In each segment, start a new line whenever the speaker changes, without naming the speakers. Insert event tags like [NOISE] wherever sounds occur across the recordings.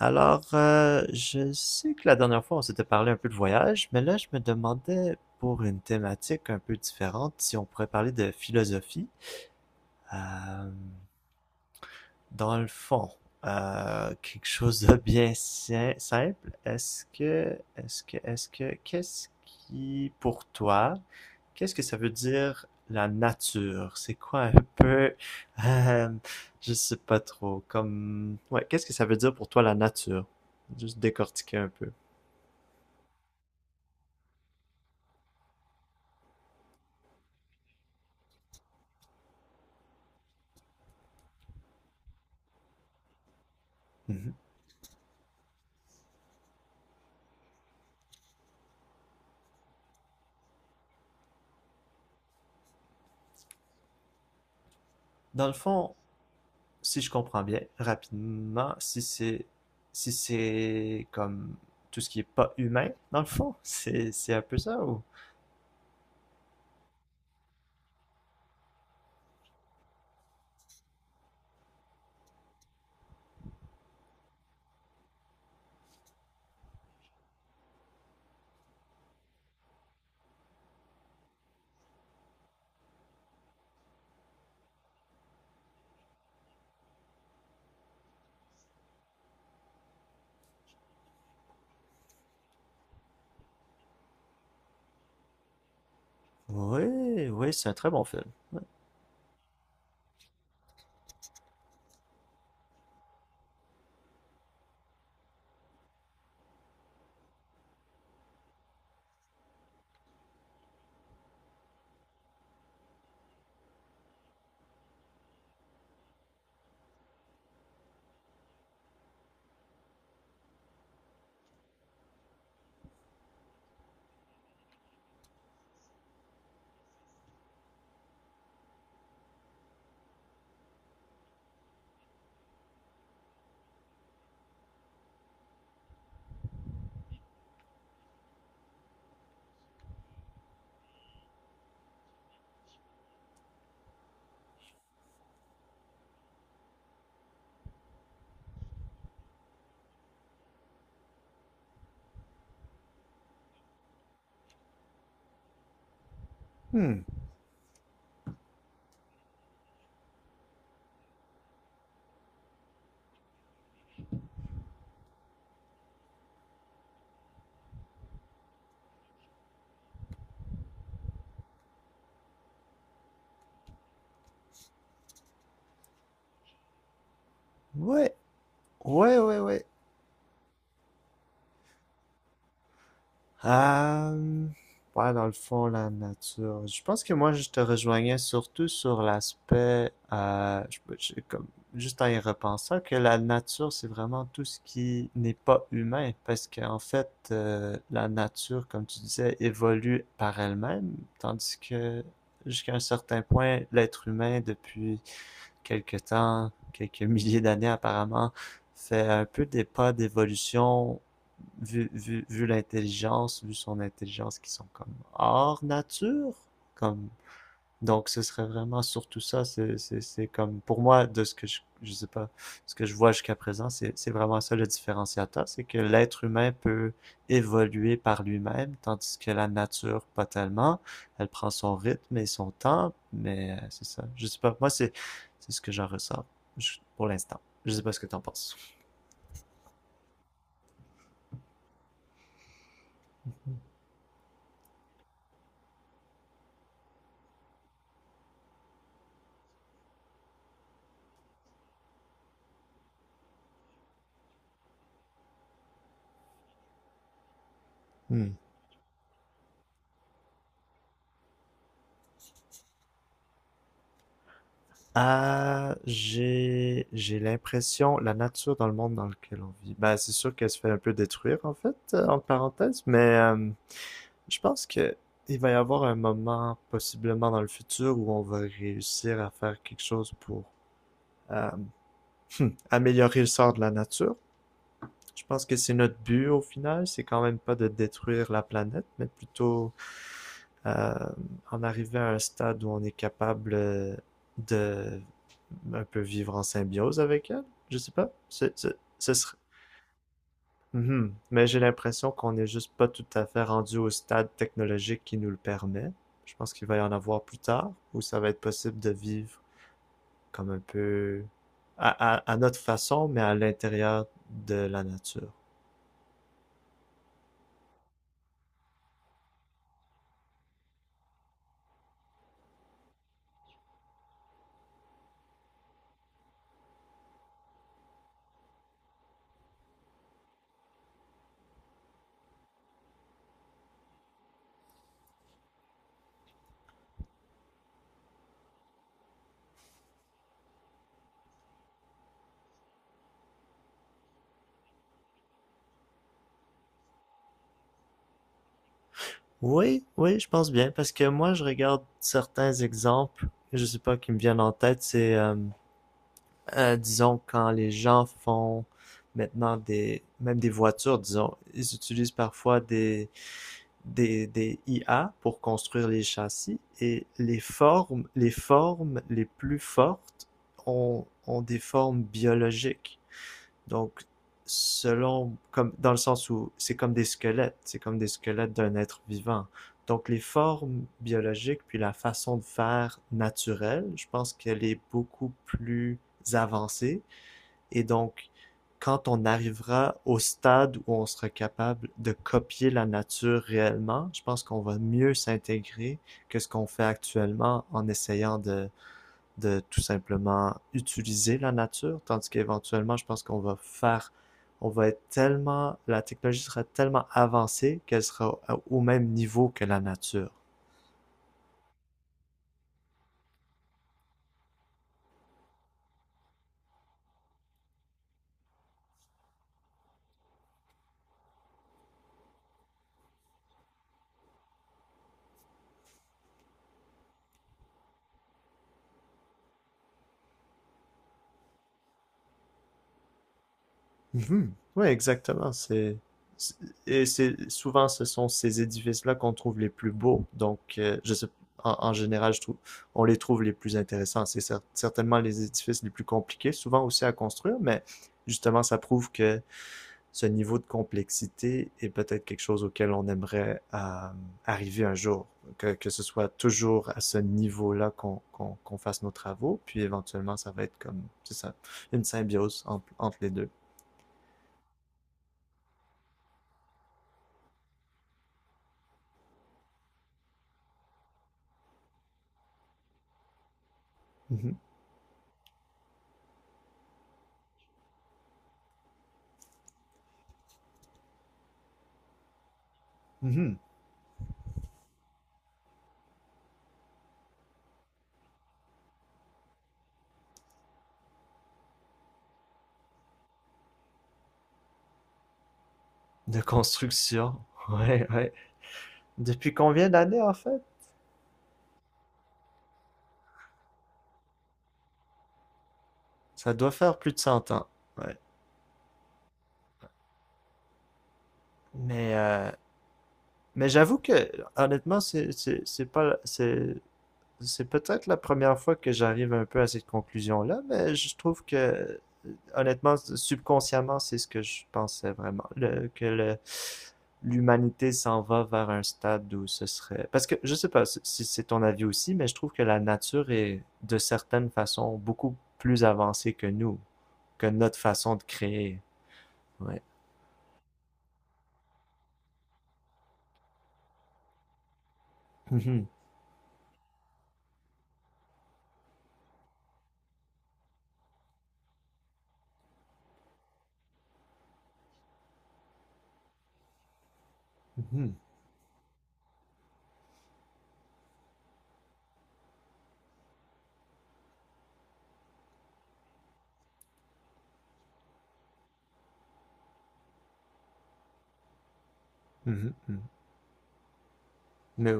Alors, je sais que la dernière fois, on s'était parlé un peu de voyage, mais là, je me demandais pour une thématique un peu différente si on pourrait parler de philosophie. Euh, Dans le fond, quelque chose de bien simple. Est-ce que, est-ce que, est-ce que, qu'est-ce qui, pour toi, qu'est-ce que ça veut dire la nature? C'est quoi un peu, euh, je sais pas trop, comme, ouais, qu'est-ce que ça veut dire pour toi la nature? Juste décortiquer un peu. Mhm. Dans le fond, si je comprends bien, rapidement, si c'est comme tout ce qui est pas humain, dans le fond, c'est un peu ça ou? Ouais, ouais, c'est un très bon film. Ouais. Hmm. Ouais, ouais, ouais, ouais. Euh, ouais, dans le fond, la nature. Je pense que moi, je te rejoignais surtout sur l'aspect, comme, juste en y repensant, que la nature, c'est vraiment tout ce qui n'est pas humain, parce qu'en fait, la nature, comme tu disais, évolue par elle-même, tandis que jusqu'à un certain point, l'être humain, depuis quelques temps, quelques milliers d'années apparemment, fait un peu des pas d'évolution vu son intelligence qui sont comme hors nature, comme donc ce serait vraiment surtout ça, c'est comme pour moi de ce que je sais pas, ce que je vois jusqu'à présent, c'est vraiment ça le différenciateur, c'est que l'être humain peut évoluer par lui-même, tandis que la nature pas tellement, elle prend son rythme et son temps, mais c'est ça, je sais pas, c'est ce que j'en ressens pour l'instant, je sais pas ce que t'en penses. Hmm. Ah, j'ai l'impression, la nature dans le monde dans lequel on vit, ben, c'est sûr qu'elle se fait un peu détruire en fait, en parenthèse, mais je pense que il va y avoir un moment possiblement dans le futur où on va réussir à faire quelque chose pour euh, [LAUGHS] améliorer le sort de la nature. Je pense que c'est notre but au final, c'est quand même pas de détruire la planète, mais plutôt euh, en arriver à un stade où on est capable de un peu vivre en symbiose avec elle, je sais pas. Ce serait... Mhm. Mais j'ai l'impression qu'on n'est juste pas tout à fait rendu au stade technologique qui nous le permet. Je pense qu'il va y en avoir plus tard, où ça va être possible de vivre comme un peu à notre façon, mais à l'intérieur de la nature. Oui, oui, je pense bien, parce que moi, je regarde certains exemples, je sais pas, qui me viennent en tête, disons, quand les gens font maintenant même des voitures, disons, ils utilisent parfois des IA pour construire les châssis et les formes les plus fortes ont des formes biologiques. Donc, selon, comme, dans le sens où c'est comme des squelettes, c'est comme des squelettes d'un être vivant. Donc, les formes biologiques, puis la façon de faire naturelle, je pense qu'elle est beaucoup plus avancée et donc, quand on arrivera au stade où on sera capable de copier la nature réellement, je pense qu'on va mieux s'intégrer que ce qu'on fait actuellement en essayant de tout simplement utiliser la nature, tandis qu'éventuellement, je pense qu'on va faire, on va être tellement, la technologie sera tellement avancée qu'elle sera au même niveau que la nature. Mhm. Oui, exactement. C'est- et c'est souvent ce sont ces édifices-là qu'on trouve les plus beaux. Donc, je sais, en général, je trouve, on les trouve les plus intéressants. C'est certainement les édifices les plus compliqués, souvent aussi à construire, mais justement, ça prouve que ce niveau de complexité est peut-être quelque chose auquel on aimerait arriver un jour. Que ce soit toujours à ce niveau-là qu'on fasse nos travaux, puis éventuellement, ça va être comme, c'est ça, une symbiose entre, entre les deux. Mhm. De construction. [LAUGHS] Ouais, ouais. Depuis combien d'années en fait? Ça doit faire plus de 100 ans. Ouais. Mais, euh, mais j'avoue que honnêtement, c'est pas c'est c'est peut-être la première fois que j'arrive un peu à cette conclusion-là, mais je trouve que, honnêtement, subconsciemment, c'est ce que je pensais vraiment, l'humanité s'en va vers un stade où ce serait... Parce que, je sais pas si c'est ton avis aussi, mais je trouve que la nature est, de certaines façons, beaucoup plus avancée que nous, que notre façon de créer. Ouais. Mhm. Mhm. Mhm. Mhm. Mais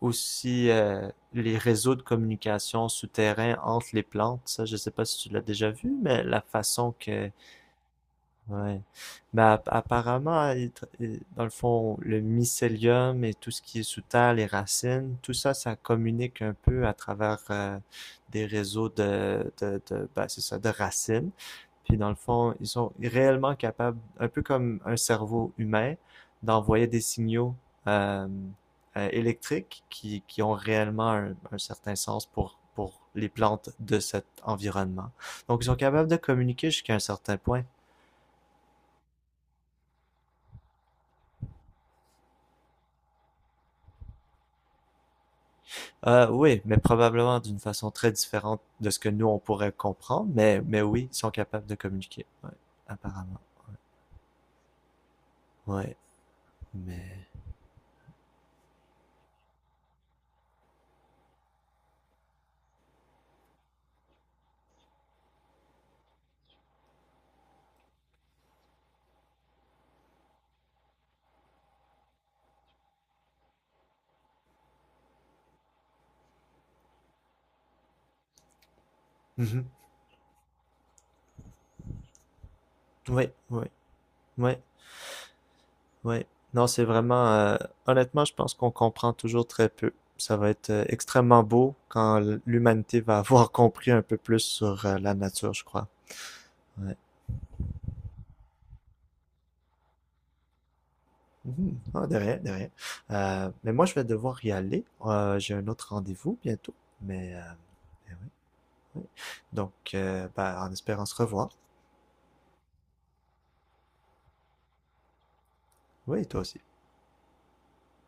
aussi les réseaux de communication souterrains entre les plantes. Ça, je sais pas si tu l'as déjà vu, mais la façon que Ouais. Bah, apparemment, dans le fond, le mycélium et tout ce qui est sous terre, les racines, tout ça, ça communique un peu à travers des réseaux de bah, c'est ça, de racines. Puis dans le fond, ils sont réellement capables, un peu comme un cerveau humain, d'envoyer des signaux euh, électriques qui ont réellement un certain sens pour les plantes de cet environnement. Donc, ils sont capables de communiquer jusqu'à un certain point. Oui, mais probablement d'une façon très différente de ce que nous on pourrait comprendre, mais oui, ils sont capables de communiquer, ouais, apparemment. Ouais, mais. Mhm. Oui, oui, oui, oui. Non, c'est vraiment. Honnêtement, je pense qu'on comprend toujours très peu. Ça va être extrêmement beau quand l'humanité va [LAUGHS] avoir compris un peu plus sur la nature, je crois. Ouais. Mhm. Ah, de rien, de rien. Mais moi, je vais devoir y aller. J'ai un autre rendez-vous bientôt, mais. euh, Oui. Donc, bah, en espérant se revoir. Oui, toi aussi.